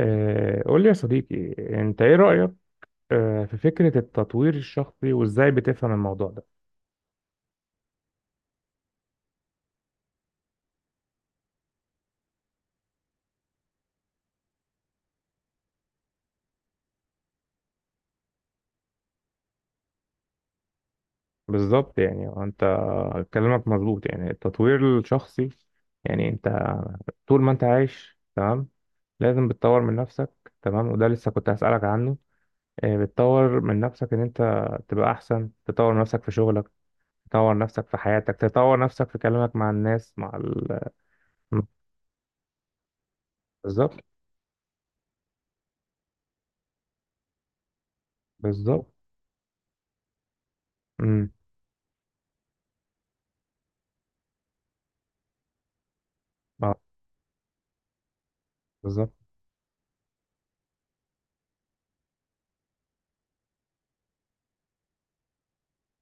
قول لي يا صديقي، انت ايه رأيك في فكرة التطوير الشخصي وازاي بتفهم الموضوع ده. بالظبط، يعني هو انت كلامك مظبوط. يعني التطوير الشخصي، يعني انت طول ما انت عايش تمام، لازم بتطور من نفسك. تمام، وده لسه كنت هسألك عنه. بتطور من نفسك ان انت تبقى احسن، تطور نفسك في شغلك، تطور نفسك في حياتك، تطور نفسك في كلامك مع الناس، بالظبط. بالظبط. امم. اه، بالظبط.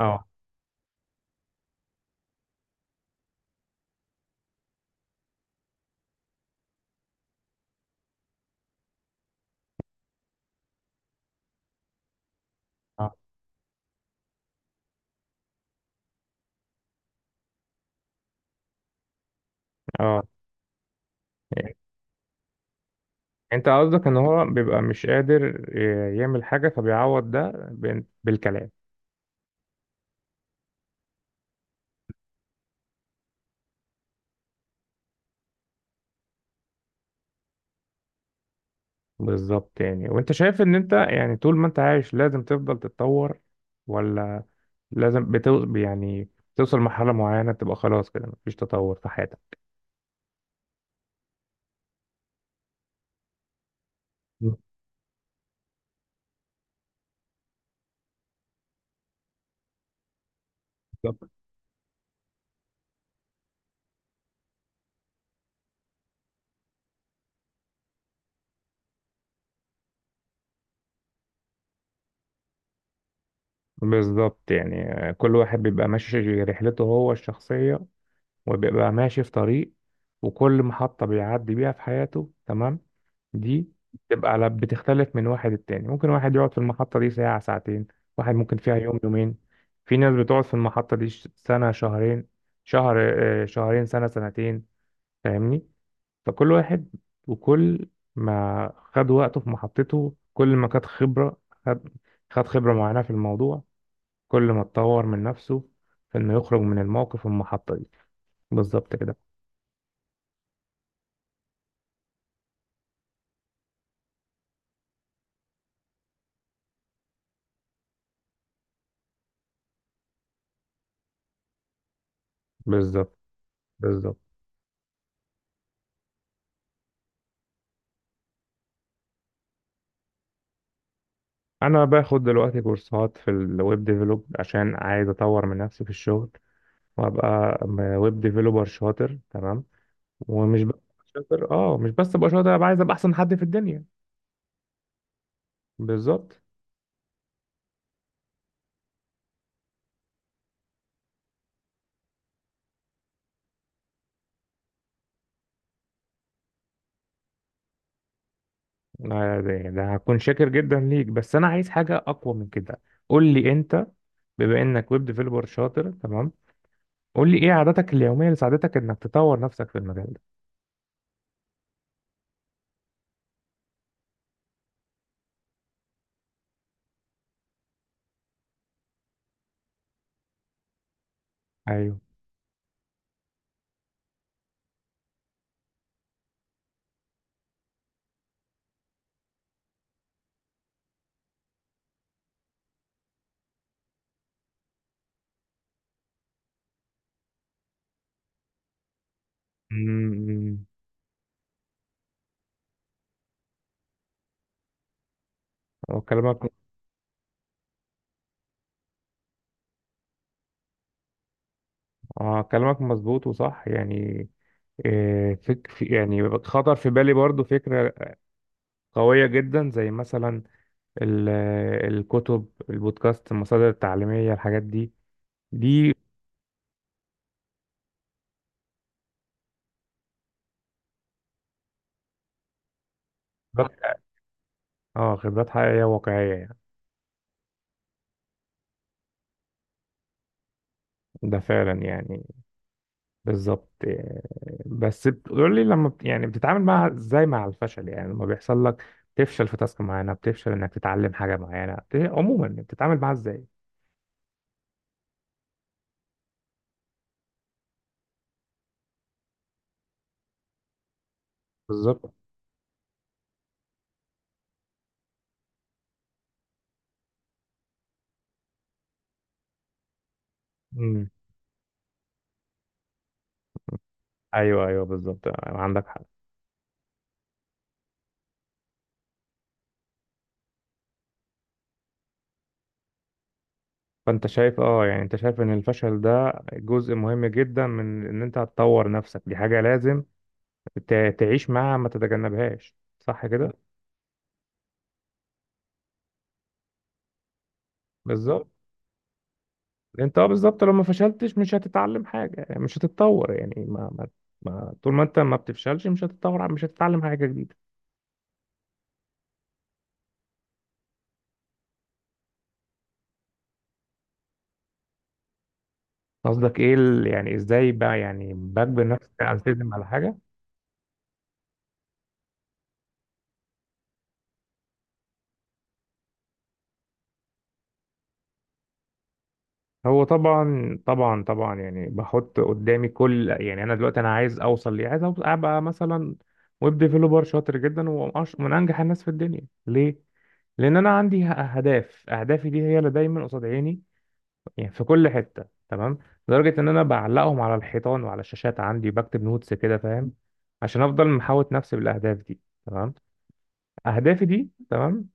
اه. اه. اه، انت قصدك ان هو بيبقى مش قادر يعمل حاجة، فبيعوض ده بالكلام. بالظبط، يعني وانت شايف ان انت يعني طول ما انت عايش لازم تفضل تتطور، ولا لازم يعني توصل لمرحلة معينة تبقى خلاص كده مفيش تطور في حياتك؟ بالظبط. بالظبط يعني. كل واحد بيبقى ماشي رحلته هو الشخصية، وبيبقى ماشي في طريق، وكل محطة بيعدي بيها في حياته تمام. دي بتبقى بتختلف من واحد للتاني. ممكن واحد يقعد في المحطة دي ساعة ساعتين، واحد ممكن فيها يوم يومين، في ناس بتقعد في المحطة دي سنة شهرين، شهر، شهرين، سنة، سنتين. فاهمني؟ فكل واحد وكل ما خد وقته في محطته، كل ما خد خبرة، خد خبرة معينة في الموضوع، كل ما اتطور من نفسه في انه يخرج من المحطة دي. بالظبط كده. بالظبط بالظبط. انا باخد دلوقتي كورسات في الويب ديفلوب عشان عايز اطور من نفسي في الشغل، وابقى ويب ديفلوبر شاطر تمام. ومش بس شاطر، اه، مش بس ابقى شاطر، ابقى عايز ابقى احسن حد في الدنيا. بالظبط. ده يعني ده هكون شاكر جدا ليك، بس انا عايز حاجه اقوى من كده. قول لي انت، بما انك ويب ديفلوبر شاطر تمام، قول لي ايه عاداتك اليوميه اللي ساعدتك انك تطور نفسك في المجال ده. ايوه. امم. كلامك، اه، كلامك مظبوط وصح يعني. يعني خطر في بالي برضو فكرة قوية جدا، زي مثلا ال- الكتب، البودكاست، المصادر التعليمية، الحاجات دي. دي خبرات- اه، خبرات حقيقية واقعية يعني. ده فعلا يعني بالظبط. بس بتقول لي لما يعني بتتعامل مع، ازاي مع الفشل، يعني لما بيحصل لك تفشل في تاسك معينة، بتفشل انك تتعلم حاجة معينة، عموما يعني بتتعامل معاها ازاي؟ بالظبط. مم. ايوه، ايوه، بالظبط، عندك حق. فانت شايف، انت شايف ان الفشل ده جزء مهم جدا من ان انت هتطور نفسك، دي حاجة لازم تعيش معاها، ما تتجنبهاش، صح كده؟ بالظبط. انت، بالظبط، لو ما فشلتش مش هتتعلم حاجة، مش هتتطور يعني. ما طول ما انت ما بتفشلش مش هتتطور، مش هتتعلم حاجة جديدة. قصدك ايه يعني ازاي بقى، يعني بجبر نفسي التزم على حاجة؟ هو طبعا طبعا طبعا، يعني بحط قدامي كل، يعني انا دلوقتي عايز اوصل ليه، عايز أوصل ابقى مثلا ويب ديفلوبر شاطر جدا ومن من انجح الناس في الدنيا. ليه؟ لان انا عندي اهداف، اهدافي دي هي اللي دايما قصاد عيني يعني، في كل حته تمام. لدرجه ان انا بعلقهم على الحيطان وعلى الشاشات عندي، بكتب نوتس كده، فاهم؟ عشان افضل محاوط نفسي بالاهداف دي تمام. اهدافي دي تمام،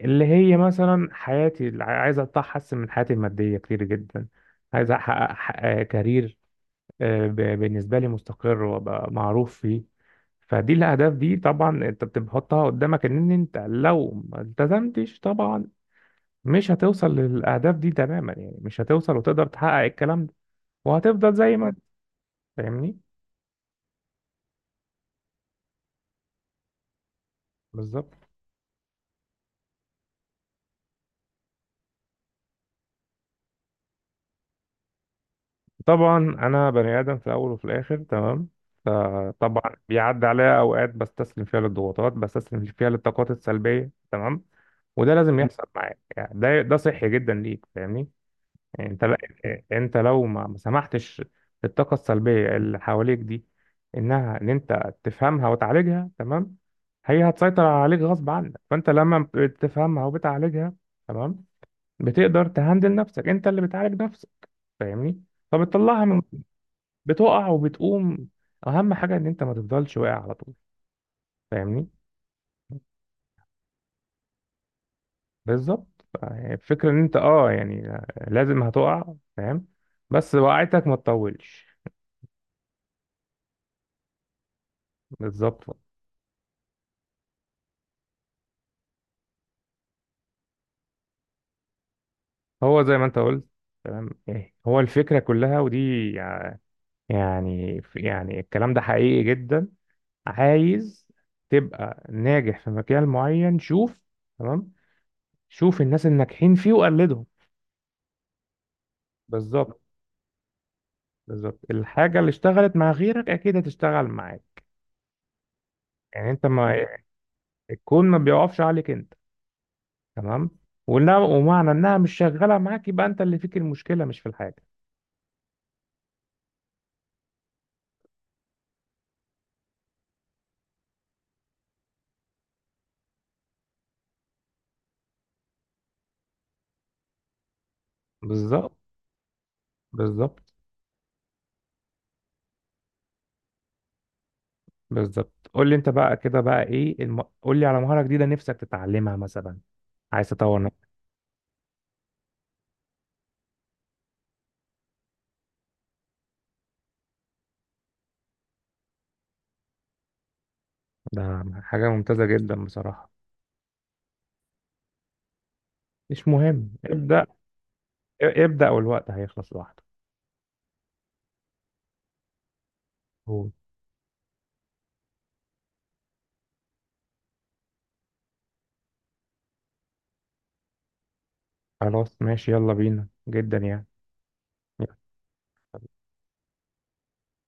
اللي هي مثلا حياتي، اللي عايز أحسن من حياتي المادية كتير جدا، عايز أحقق كارير بالنسبة لي مستقر وأبقى معروف فيه. فدي الأهداف دي طبعا أنت بتحطها قدامك، إن أنت لو ما التزمتش طبعا مش هتوصل للأهداف دي تماما، يعني مش هتوصل وتقدر تحقق الكلام ده، وهتفضل زي ما أنت، فاهمني؟ بالظبط. طبعا انا بني ادم في الاول وفي الاخر تمام، فطبعا بيعدي عليا اوقات بستسلم فيها للضغوطات، بستسلم فيها للطاقات السلبيه تمام. وده لازم يحصل معاك يعني، ده صحي جدا ليك، فاهمني؟ يعني انت لا، انت لو ما سمحتش للطاقه السلبيه اللي حواليك دي، انها، ان انت تفهمها وتعالجها تمام، هي هتسيطر عليك غصب عنك. فانت لما بتفهمها وبتعالجها تمام، بتقدر تهندل نفسك، انت اللي بتعالج نفسك، فاهمني؟ فبتطلعها من، بتقع وبتقوم، اهم حاجه ان انت ما تفضلش واقع على طول، فاهمني؟ بالظبط يعني. الفكره ان انت، يعني لازم هتقع، فاهم؟ بس وقعتك ما تطولش. بالظبط. هو زي ما انت قلت تمام، ايه هو الفكره كلها، ودي يعني الكلام ده حقيقي جدا. عايز تبقى ناجح في مجال معين؟ شوف تمام، شوف الناس الناجحين فيه وقلدهم. بالظبط. بالظبط الحاجه اللي اشتغلت مع غيرك اكيد هتشتغل معاك، يعني انت ما، الكون ما بيقفش عليك انت تمام. ولا ومعنى انها مش شغاله معاك يبقى انت اللي فيك المشكله، مش في الحاجه. بالظبط. بالظبط. بالظبط، قول لي انت بقى كده، بقى ايه قول لي على مهاره جديده نفسك تتعلمها مثلا، عايز تطور نفسك. ده حاجه ممتازه جدا بصراحه. مش مهم ابدا، ابدا، والوقت هيخلص لوحده. قول. خلاص ماشي، يلا بينا، جدا يعني.